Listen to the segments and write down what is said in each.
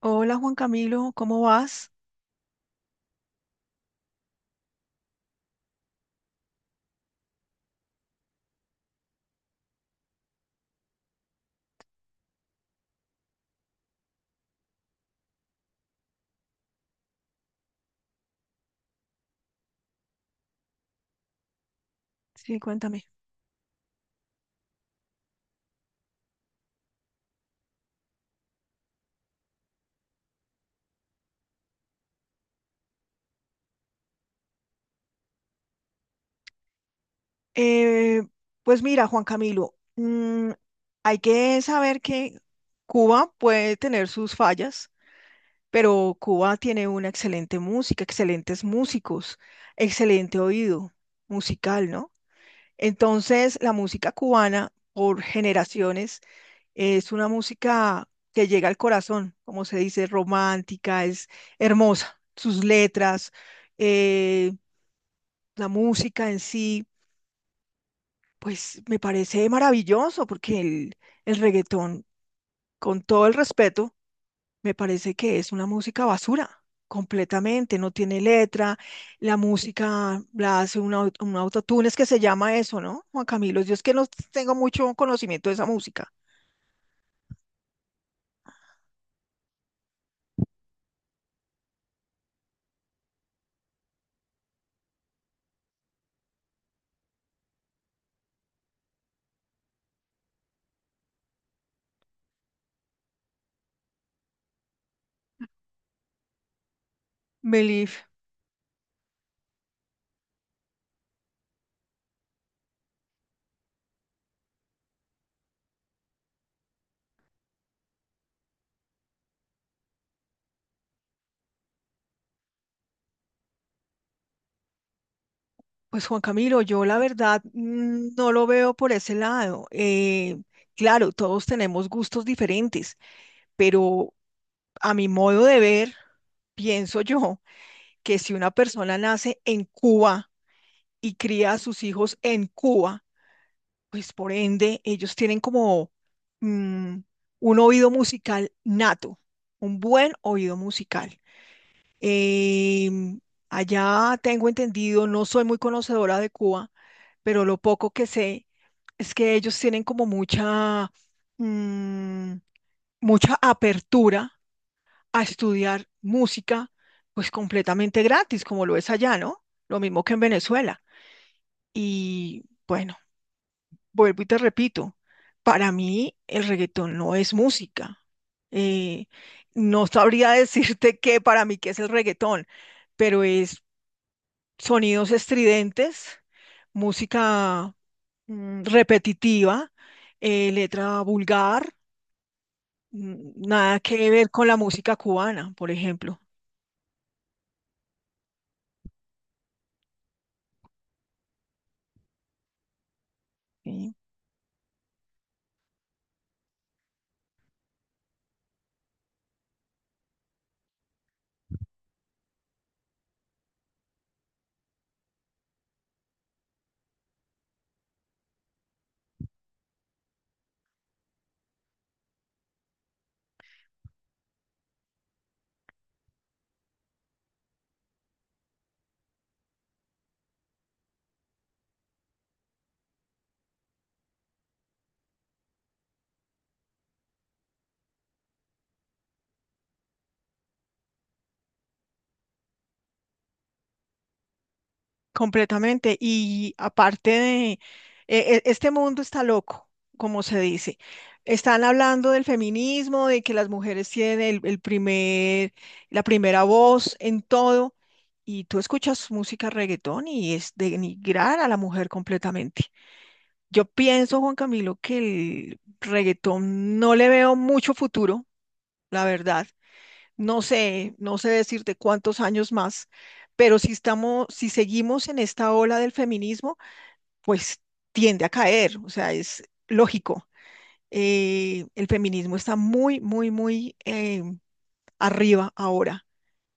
Hola Juan Camilo, ¿cómo vas? Sí, cuéntame. Eh, pues mira, Juan Camilo, hay que saber que Cuba puede tener sus fallas, pero Cuba tiene una excelente música, excelentes músicos, excelente oído musical, ¿no? Entonces, la música cubana, por generaciones, es una música que llega al corazón, como se dice, romántica, es hermosa. Sus letras. eh, la música en sí, pues me parece maravilloso porque el reggaetón, con todo el respeto, me parece que es una música basura, completamente, no tiene letra, la música la hace un autotune, es que se llama eso, ¿no? Juan Camilo, yo es que no tengo mucho conocimiento de esa música. Belif, pues Juan Camilo, yo la verdad no lo veo por ese lado. Claro, todos tenemos gustos diferentes, pero a mi modo de ver, pienso yo que si una persona nace en Cuba y cría a sus hijos en Cuba, pues por ende ellos tienen como mm, un oído musical nato, un buen oído musical. Em, Allá tengo entendido, no soy muy conocedora de Cuba, pero lo poco que sé es que ellos tienen como mm, mucha apertura a estudiar música, pues completamente gratis, como lo es allá, ¿no? Lo mismo que en Venezuela. Y bueno, vuelvo y te repito, para mí el reggaetón no es música. Eh, no sabría decirte qué para mí qué es el reggaetón, pero es sonidos estridentes, música repetitiva, letra vulgar, nada que ver con la música cubana, por ejemplo. ¿Sí? Completamente. Y aparte de, este mundo está loco, como se dice. Están hablando del feminismo, de que las mujeres tienen el la primera voz en todo. Y tú escuchas música reggaetón y es denigrar a la mujer completamente. Yo pienso, Juan Camilo, que el reggaetón no le veo mucho futuro, la verdad no sé decirte cuántos años más, pero si seguimos en esta ola del feminismo, pues tiende a caer, o sea, es lógico. El feminismo está muy, muy, muy arriba ahora.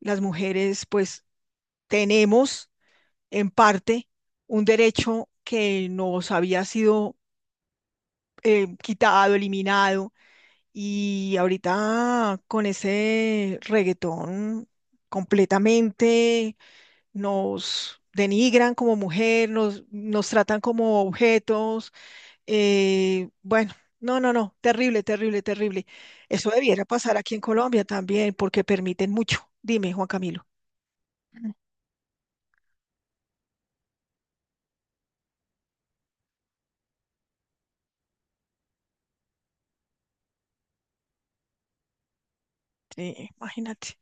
Las mujeres, pues, tenemos en parte un derecho que nos había sido quitado, eliminado, y ahorita con ese reggaetón completamente nos denigran como mujer, nos tratan como objetos. Bueno, no, no, no, terrible, terrible, terrible. Eso debiera pasar aquí en Colombia también, porque permiten mucho. Dime, Juan Camilo. Mm. Sí, imagínate.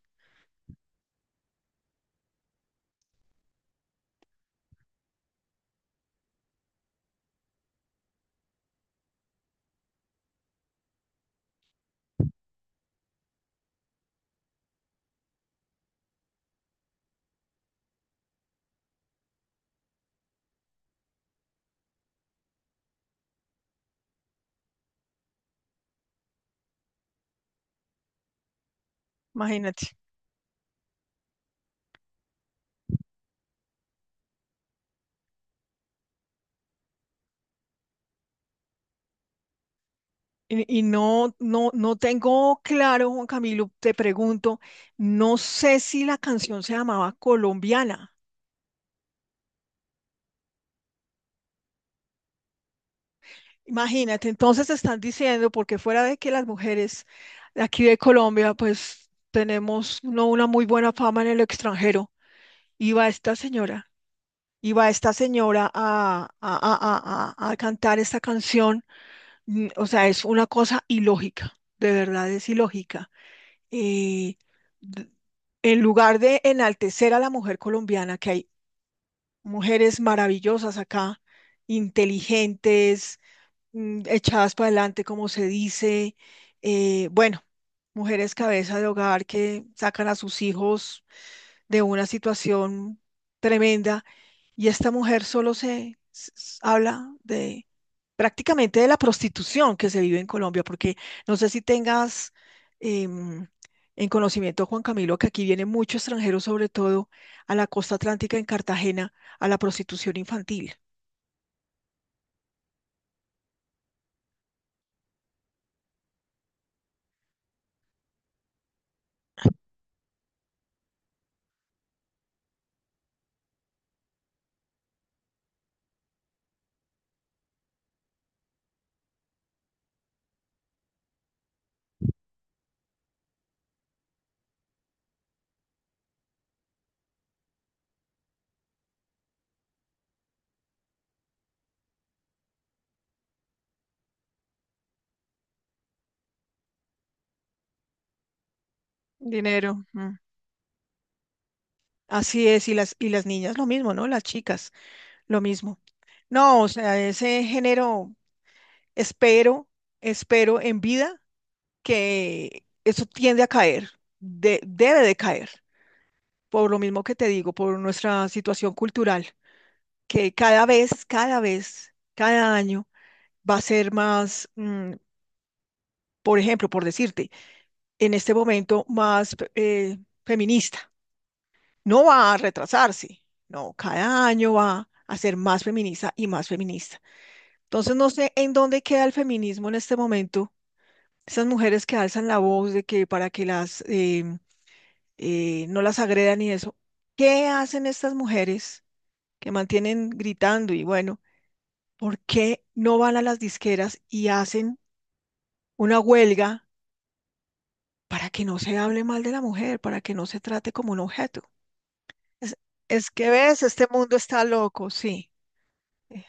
Imagínate. Y no, no, no tengo claro, Juan Camilo, te pregunto, no sé si la canción se llamaba Colombiana. Imagínate, entonces te están diciendo, porque fuera de que las mujeres de aquí de Colombia, pues tenemos no una muy buena fama en el extranjero, iba esta señora, iba esta señora a cantar esta canción. Mm, o sea, es una cosa ilógica, de verdad es ilógica. eh, d- en lugar de enaltecer a la mujer colombiana, que hay mujeres maravillosas acá, inteligentes, echadas para adelante, como se dice, bueno, mujeres cabeza de hogar que sacan a sus hijos de una situación tremenda, y esta mujer solo habla de prácticamente de la prostitución que se vive en Colombia, porque no sé si tengas em, en conocimiento, Juan Camilo, que aquí viene mucho extranjero, sobre todo a la costa atlántica en Cartagena, a la prostitución infantil. Dinero. Mm. Así es, y las niñas lo mismo, ¿no? Las chicas, lo mismo. No, o sea, ese género, espero, espero en vida que eso tiende a caer, debe de caer, por lo mismo que te digo, por nuestra situación cultural. Que cada vez, cada vez, cada año va a ser más, por ejemplo, por decirte, en este momento más feminista. No va a retrasarse, no, cada año va a ser más feminista y más feminista. Entonces no sé en dónde queda el feminismo en este momento. Esas mujeres que alzan la voz de que para que no las agredan y eso. ¿Qué hacen estas mujeres que mantienen gritando y bueno? ¿Por qué no van a las disqueras y hacen una huelga para que no se hable mal de la mujer, para que no se trate como un objeto? Es, es que ves, este mundo está loco, sí. Eh,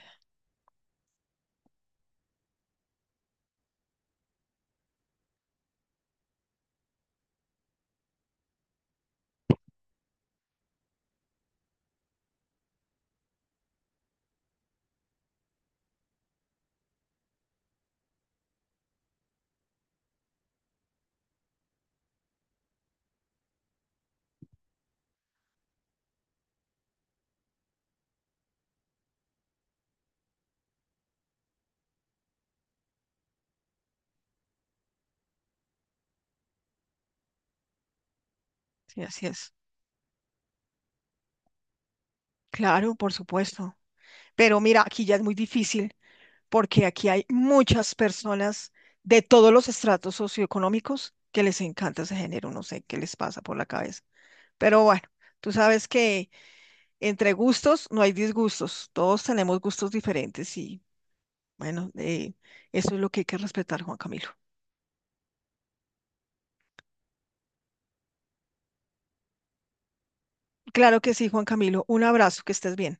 Sí, así es. Claro, por supuesto. Pero mira, aquí ya es muy difícil porque aquí hay muchas personas de todos los estratos socioeconómicos que les encanta ese género. No sé qué les pasa por la cabeza. Pero bueno, tú sabes que entre gustos no hay disgustos. Todos tenemos gustos diferentes y bueno, eso es lo que hay que respetar, Juan Camilo. Claro que sí, Juan Camilo. Un abrazo, que estés bien.